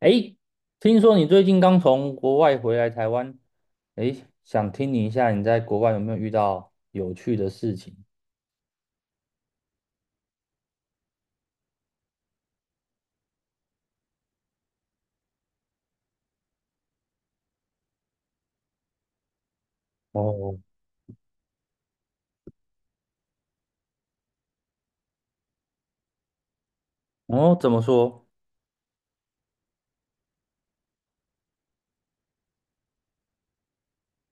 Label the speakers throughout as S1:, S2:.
S1: 诶，听说你最近刚从国外回来台湾。诶，想听你一下你在国外有没有遇到有趣的事情？哦。哦，怎么说？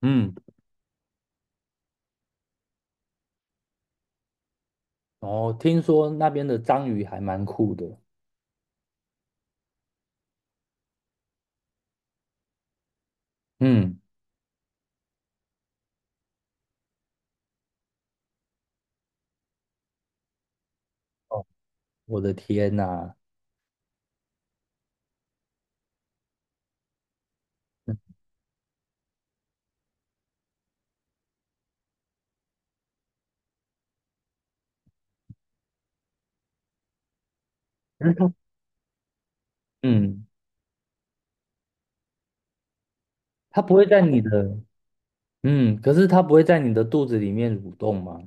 S1: 嗯。哦，听说那边的章鱼还蛮酷的。嗯。哦，我的天呐。嗯，它不会在你的，嗯，可是它不会在你的肚子里面蠕动吗？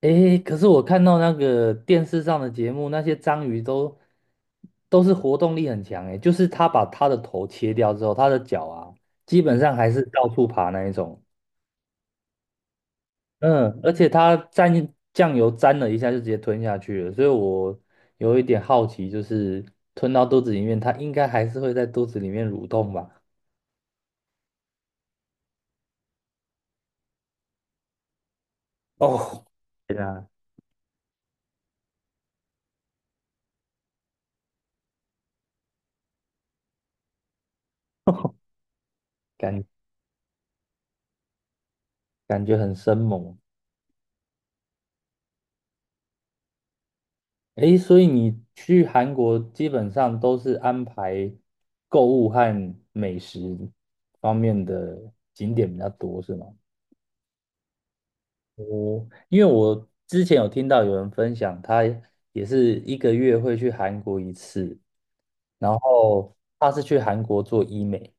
S1: 诶，可是我看到那个电视上的节目，那些章鱼都都是活动力很强诶，就是他把他的头切掉之后，他的脚啊，基本上还是到处爬那一种。嗯，而且他蘸酱油沾了一下就直接吞下去了，所以我有一点好奇，就是吞到肚子里面，它应该还是会在肚子里面蠕动吧？哦。对啊。感感觉很生猛。诶，所以你去韩国基本上都是安排购物和美食方面的景点比较多，是吗？因为我之前有听到有人分享，他也是一个月会去韩国一次。然后他是去韩国做医美。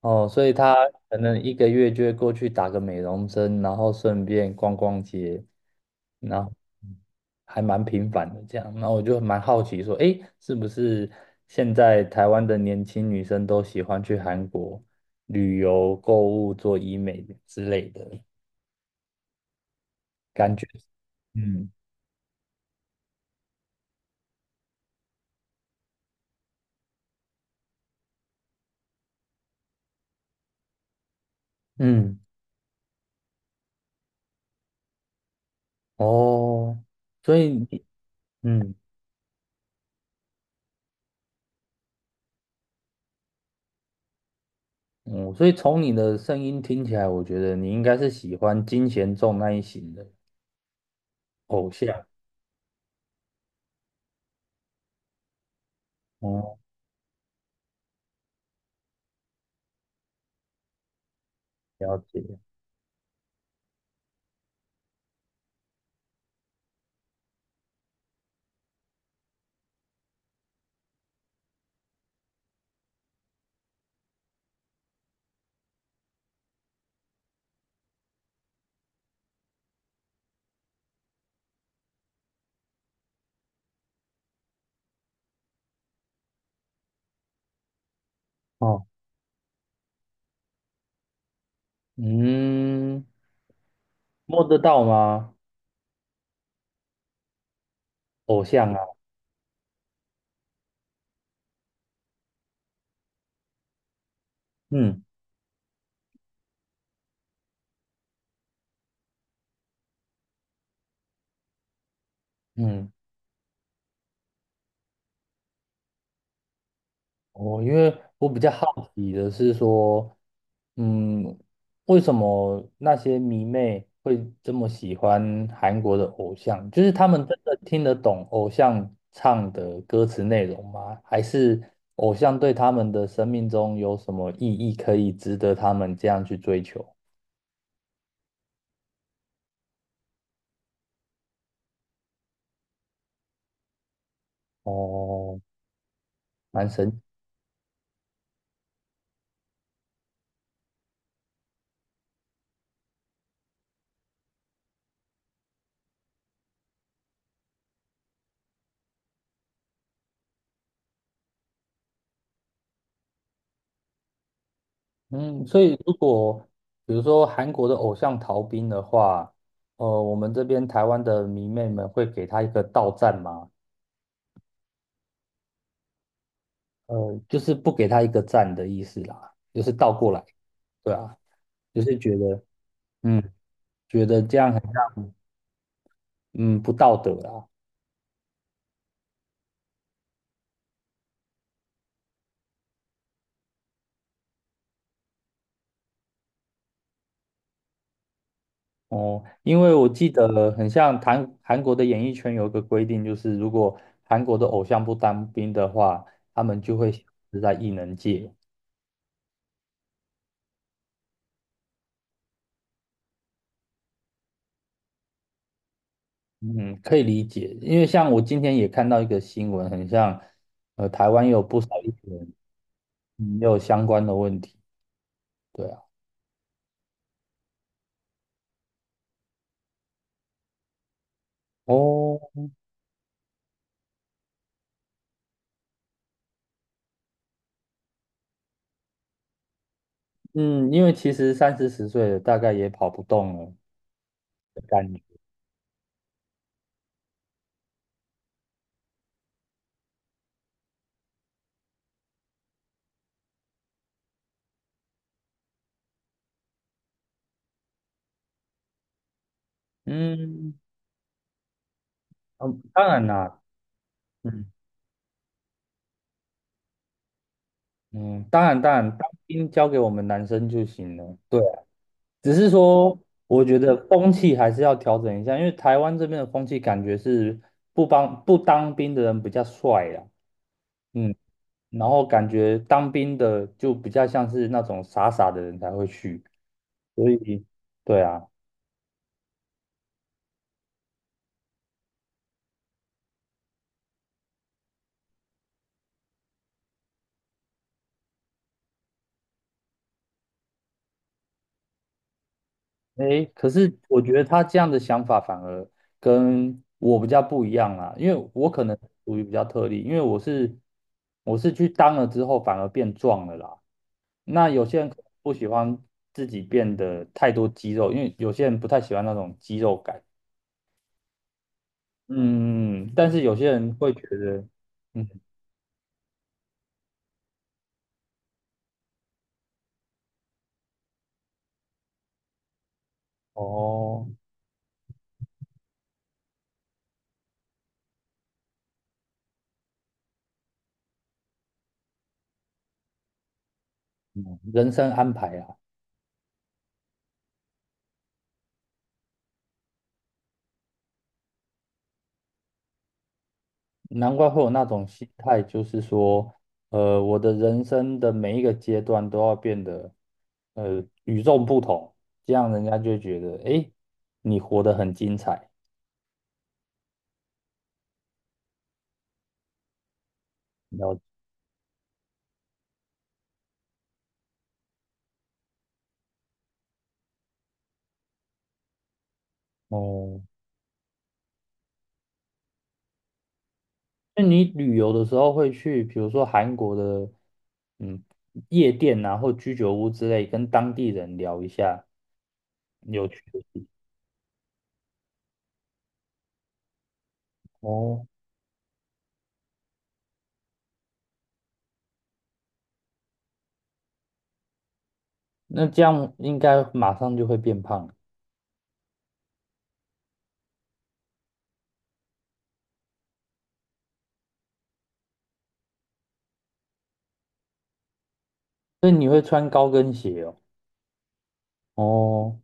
S1: 哦，所以他可能一个月就会过去打个美容针，然后顺便逛逛街，然后还蛮频繁的这样。然后我就蛮好奇说，诶，是不是现在台湾的年轻女生都喜欢去韩国旅游、购物、做医美之类的感觉？嗯。嗯。哦，所以你嗯。嗯，所以从你的声音听起来，我觉得你应该是喜欢金贤重那一型的偶像。哦。了解。哦。嗯。摸得到吗？偶像啊。嗯。嗯，我因为我比较好奇的是说，嗯，为什么那些迷妹会这么喜欢韩国的偶像？就是他们真的听得懂偶像唱的歌词内容吗？还是偶像对他们的生命中有什么意义，可以值得他们这样去追求？哦。蛮神。嗯，所以如果比如说韩国的偶像逃兵的话，我们这边台湾的迷妹们会给他一个倒站吗？就是不给他一个赞的意思啦，就是倒过来。对啊，就是觉得，嗯，觉得这样很，嗯，不道德啦。哦，因为我记得很像韩国的演艺圈有一个规定，就是如果韩国的偶像不当兵的话，他们就会消失在艺能界。嗯，可以理解，因为像我今天也看到一个新闻，很像，台湾也有不少艺人嗯也有相关的问题。对啊。哦。嗯，因为其实三四十岁了，大概也跑不动了的感觉。嗯。嗯，当然啦。嗯。嗯，当然当然，当兵交给我们男生就行了。对啊。只是说我觉得风气还是要调整一下，因为台湾这边的风气感觉是不帮不当兵的人比较帅啦。嗯。然后感觉当兵的就比较像是那种傻傻的人才会去，所以对啊。诶，可是我觉得他这样的想法反而跟我比较不一样啦，因为我可能属于比较特例，因为我去当了之后反而变壮了啦。那有些人可能不喜欢自己变得太多肌肉，因为有些人不太喜欢那种肌肉感。嗯，但是有些人会觉得，嗯。哦，嗯人生安排啊。难怪会有那种心态，就是说，我的人生的每一个阶段都要变得，与众不同，这样人家就会觉得，诶，你活得很精彩。了解。哦，那你旅游的时候会去，比如说韩国的，嗯，夜店啊，或居酒屋之类，跟当地人聊一下有趣的事。哦，那这样应该马上就会变胖。所以你会穿高跟鞋哦。哦。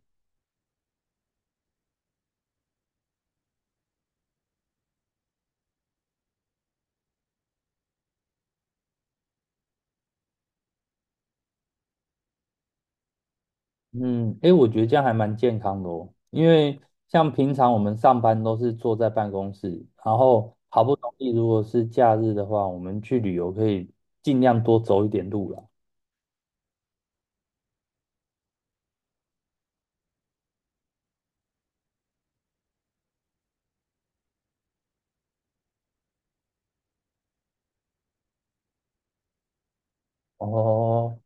S1: 嗯，诶，我觉得这样还蛮健康的哦，因为像平常我们上班都是坐在办公室，然后好不容易如果是假日的话，我们去旅游可以尽量多走一点路啦。哦，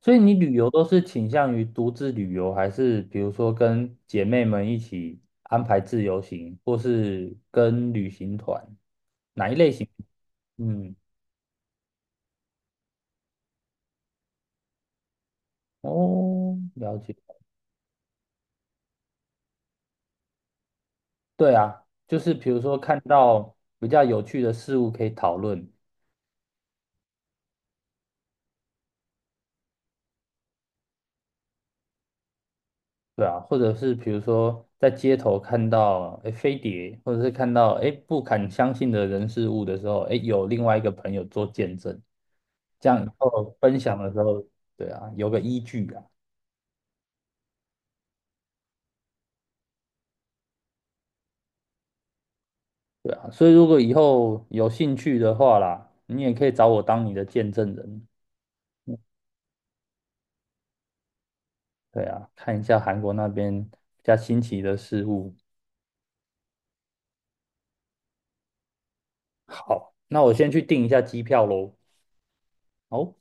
S1: 所以你旅游都是倾向于独自旅游，还是比如说跟姐妹们一起安排自由行，或是跟旅行团，哪一类型？嗯。哦，了解。对啊，就是比如说看到比较有趣的事物可以讨论。对啊，或者是比如说在街头看到诶飞碟，或者是看到诶不敢相信的人事物的时候，诶有另外一个朋友做见证，这样以后分享的时候，对啊，有个依据啊。对啊，所以如果以后有兴趣的话啦，你也可以找我当你的见证人。对啊，看一下韩国那边比较新奇的事物。好，那我先去订一下机票喽。好。